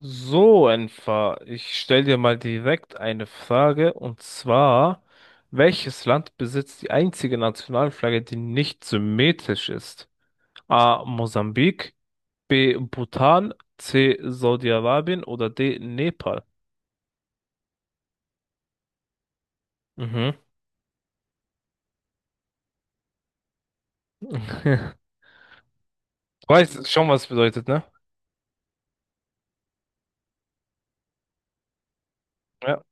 So, Enfer, ich stelle dir mal direkt eine Frage, und zwar, welches Land besitzt die einzige Nationalflagge, die nicht symmetrisch ist? A. Mosambik, B. Bhutan, C. Saudi-Arabien oder D. Nepal? Mhm. Du weißt schon, was es bedeutet, ne? Ja.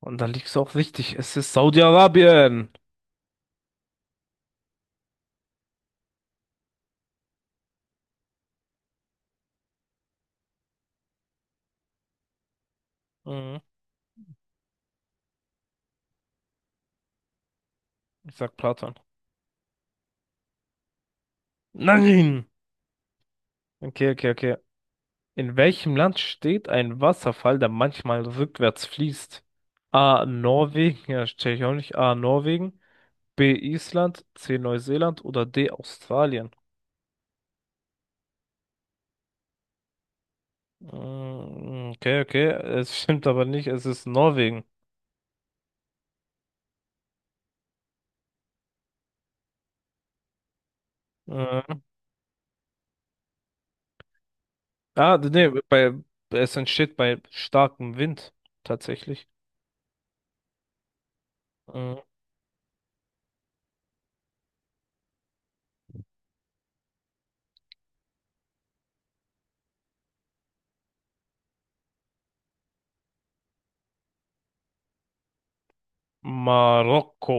Und da liegst du auch richtig. Es ist Saudi-Arabien. Mhm. Ich sag Platon. Nein! Okay, okay, okay. In welchem Land steht ein Wasserfall, der manchmal rückwärts fließt? A. Norwegen, ja, check ich auch nicht. A. Norwegen, B. Island, C. Neuseeland oder D. Australien? Mm. Okay, okay, es stimmt aber nicht, es ist Norwegen. Mhm. Ah, nee, bei, Es entsteht bei starkem Wind tatsächlich. Mhm. Marokko.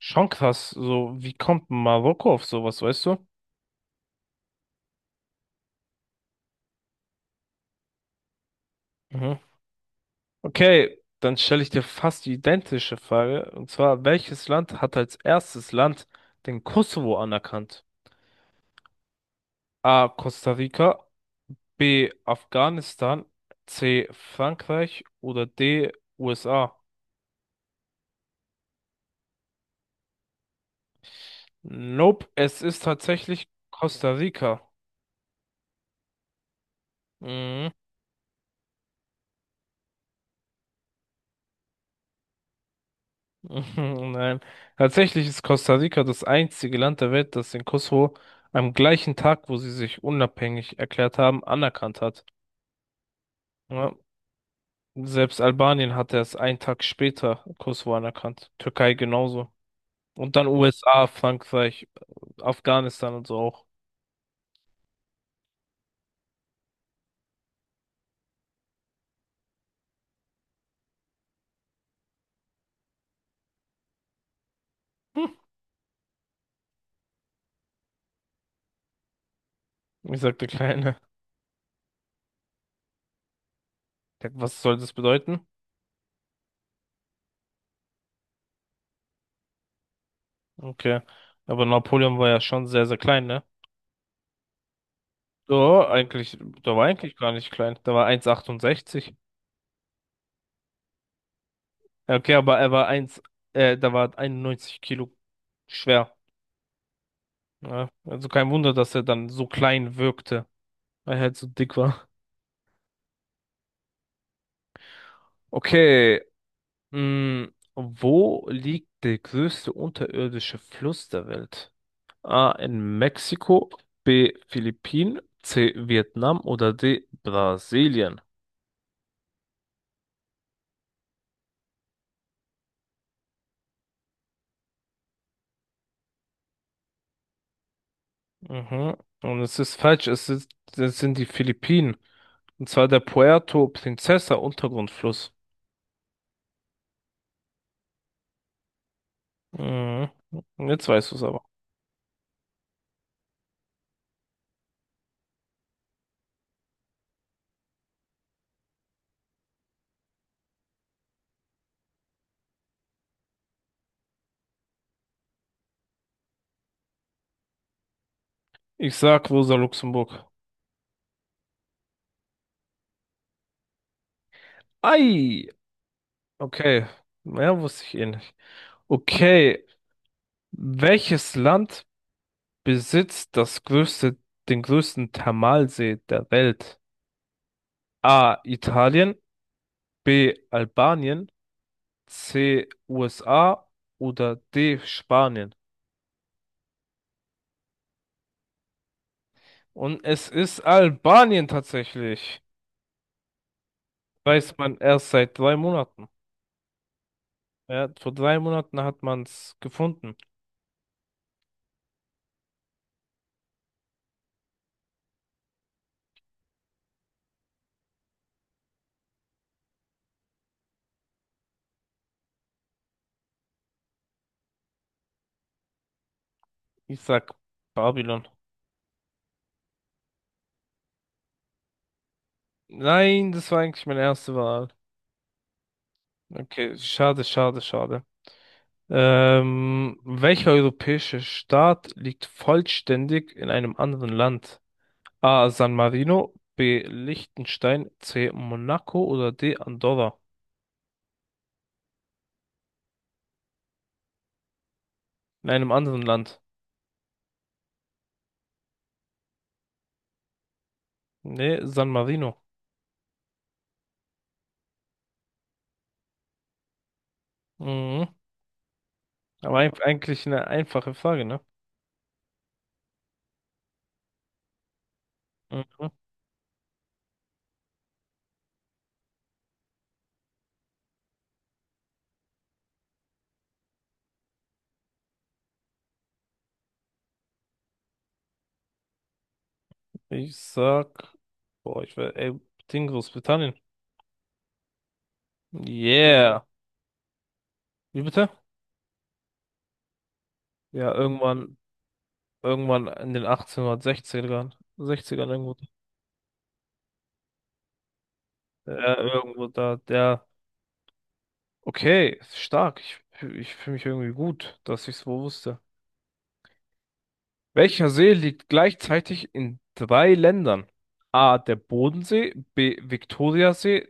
Schon krass, so, wie kommt Marokko auf sowas, weißt du? Mhm. Okay, dann stelle ich dir fast die identische Frage. Und zwar, welches Land hat als erstes Land den Kosovo anerkannt? A. Costa Rica, B. Afghanistan, C. Frankreich oder D. USA? Nope, es ist tatsächlich Costa Rica. Mhm. Nein, tatsächlich ist Costa Rica das einzige Land der Welt, das den Kosovo am gleichen Tag, wo sie sich unabhängig erklärt haben, anerkannt hat. Ja. Selbst Albanien hat erst einen Tag später Kosovo anerkannt. Türkei genauso. Und dann USA, Frankreich, Afghanistan und so auch. Ich sag der Kleine. Ja, was soll das bedeuten? Okay. Aber Napoleon war ja schon sehr, sehr klein, ne? Ja, eigentlich, der war eigentlich gar nicht klein. Der war 1,68. Ja, okay, aber er war 1, da war 91 Kilo schwer. Ja, also kein Wunder, dass er dann so klein wirkte, weil er halt so dick war. Okay. Mm, wo liegt der größte unterirdische Fluss der Welt? A. In Mexiko, B. Philippinen, C. Vietnam oder D. Brasilien? Mhm. Und es ist falsch, es ist, es sind die Philippinen. Und zwar der Puerto Princesa Untergrundfluss. Mhm. Jetzt weißt du es aber. Ich sag Rosa Luxemburg. Ei! Okay. Ja, wusste ich eh nicht. Okay. Welches Land besitzt den größten Thermalsee der Welt? A. Italien, B. Albanien, C. USA oder D. Spanien? Und es ist Albanien tatsächlich. Weiß man erst seit 3 Monaten. Ja, vor 3 Monaten hat man es gefunden. Ich sag Babylon. Nein, das war eigentlich meine erste Wahl. Okay, schade, schade, schade. Welcher europäische Staat liegt vollständig in einem anderen Land? A. San Marino, B. Liechtenstein, C. Monaco oder D. Andorra? In einem anderen Land. Nee, San Marino. Mhm. Eigentlich eine einfache Frage, ne? Mhm. Ich sag, boah, ich will, ey, Ding Großbritannien. Yeah. Wie bitte? Ja, irgendwann, irgendwann in den 1860ern, 60ern irgendwo. Ja, irgendwo da, der. Okay, ist stark. Ich fühle mich irgendwie gut, dass ich es wohl wusste. Welcher See liegt gleichzeitig in 3 Ländern? A. Der Bodensee, B. Viktoriasee,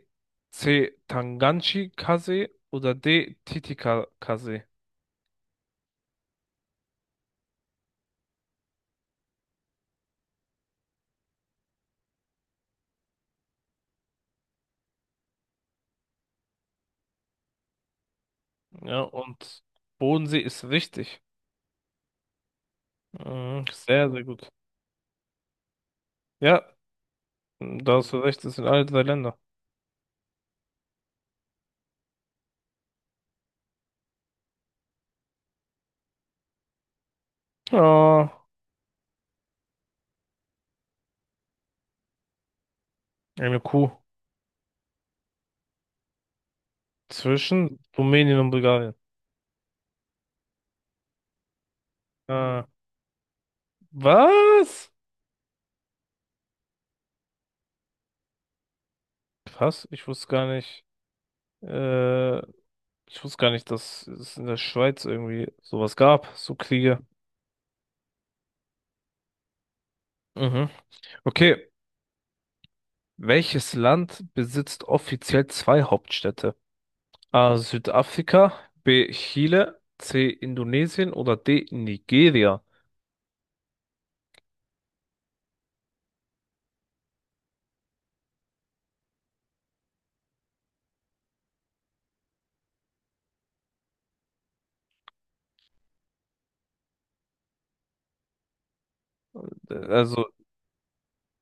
C. Tanganjikasee oder D. Titicacasee? Ja, und Bodensee ist richtig. Mhm, sehr, sehr gut. Ja, da hast du recht, es sind alle 3 Länder. Ah, eine Kuh. Zwischen Rumänien und Bulgarien. Ah, was? Krass, ich wusste gar nicht. Äh, ich wusste gar nicht, dass es in der Schweiz irgendwie sowas gab, so Kriege. Mhm. Okay, welches Land besitzt offiziell 2 Hauptstädte? A. Südafrika, B. Chile, C. Indonesien oder D. Nigeria? Also,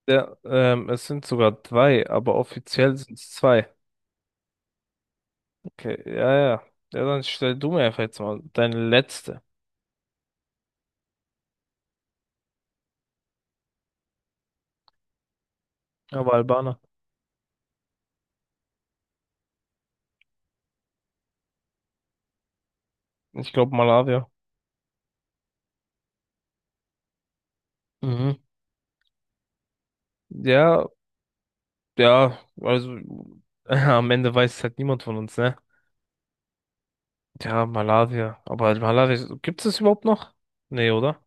ja, es sind sogar drei, aber offiziell sind es 2. Okay, ja, ja. Ja, dann stell du mir einfach jetzt mal deine letzte. Aber Albaner. Ich glaube Malawi. Mhm. Ja, ja, also am Ende weiß es halt niemand von uns, ne? Ja, Malaria. Aber Malaria, gibt es das überhaupt noch? Nee, oder?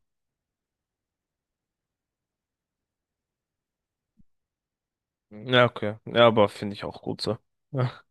Ja, okay. Ja, aber finde ich auch gut so.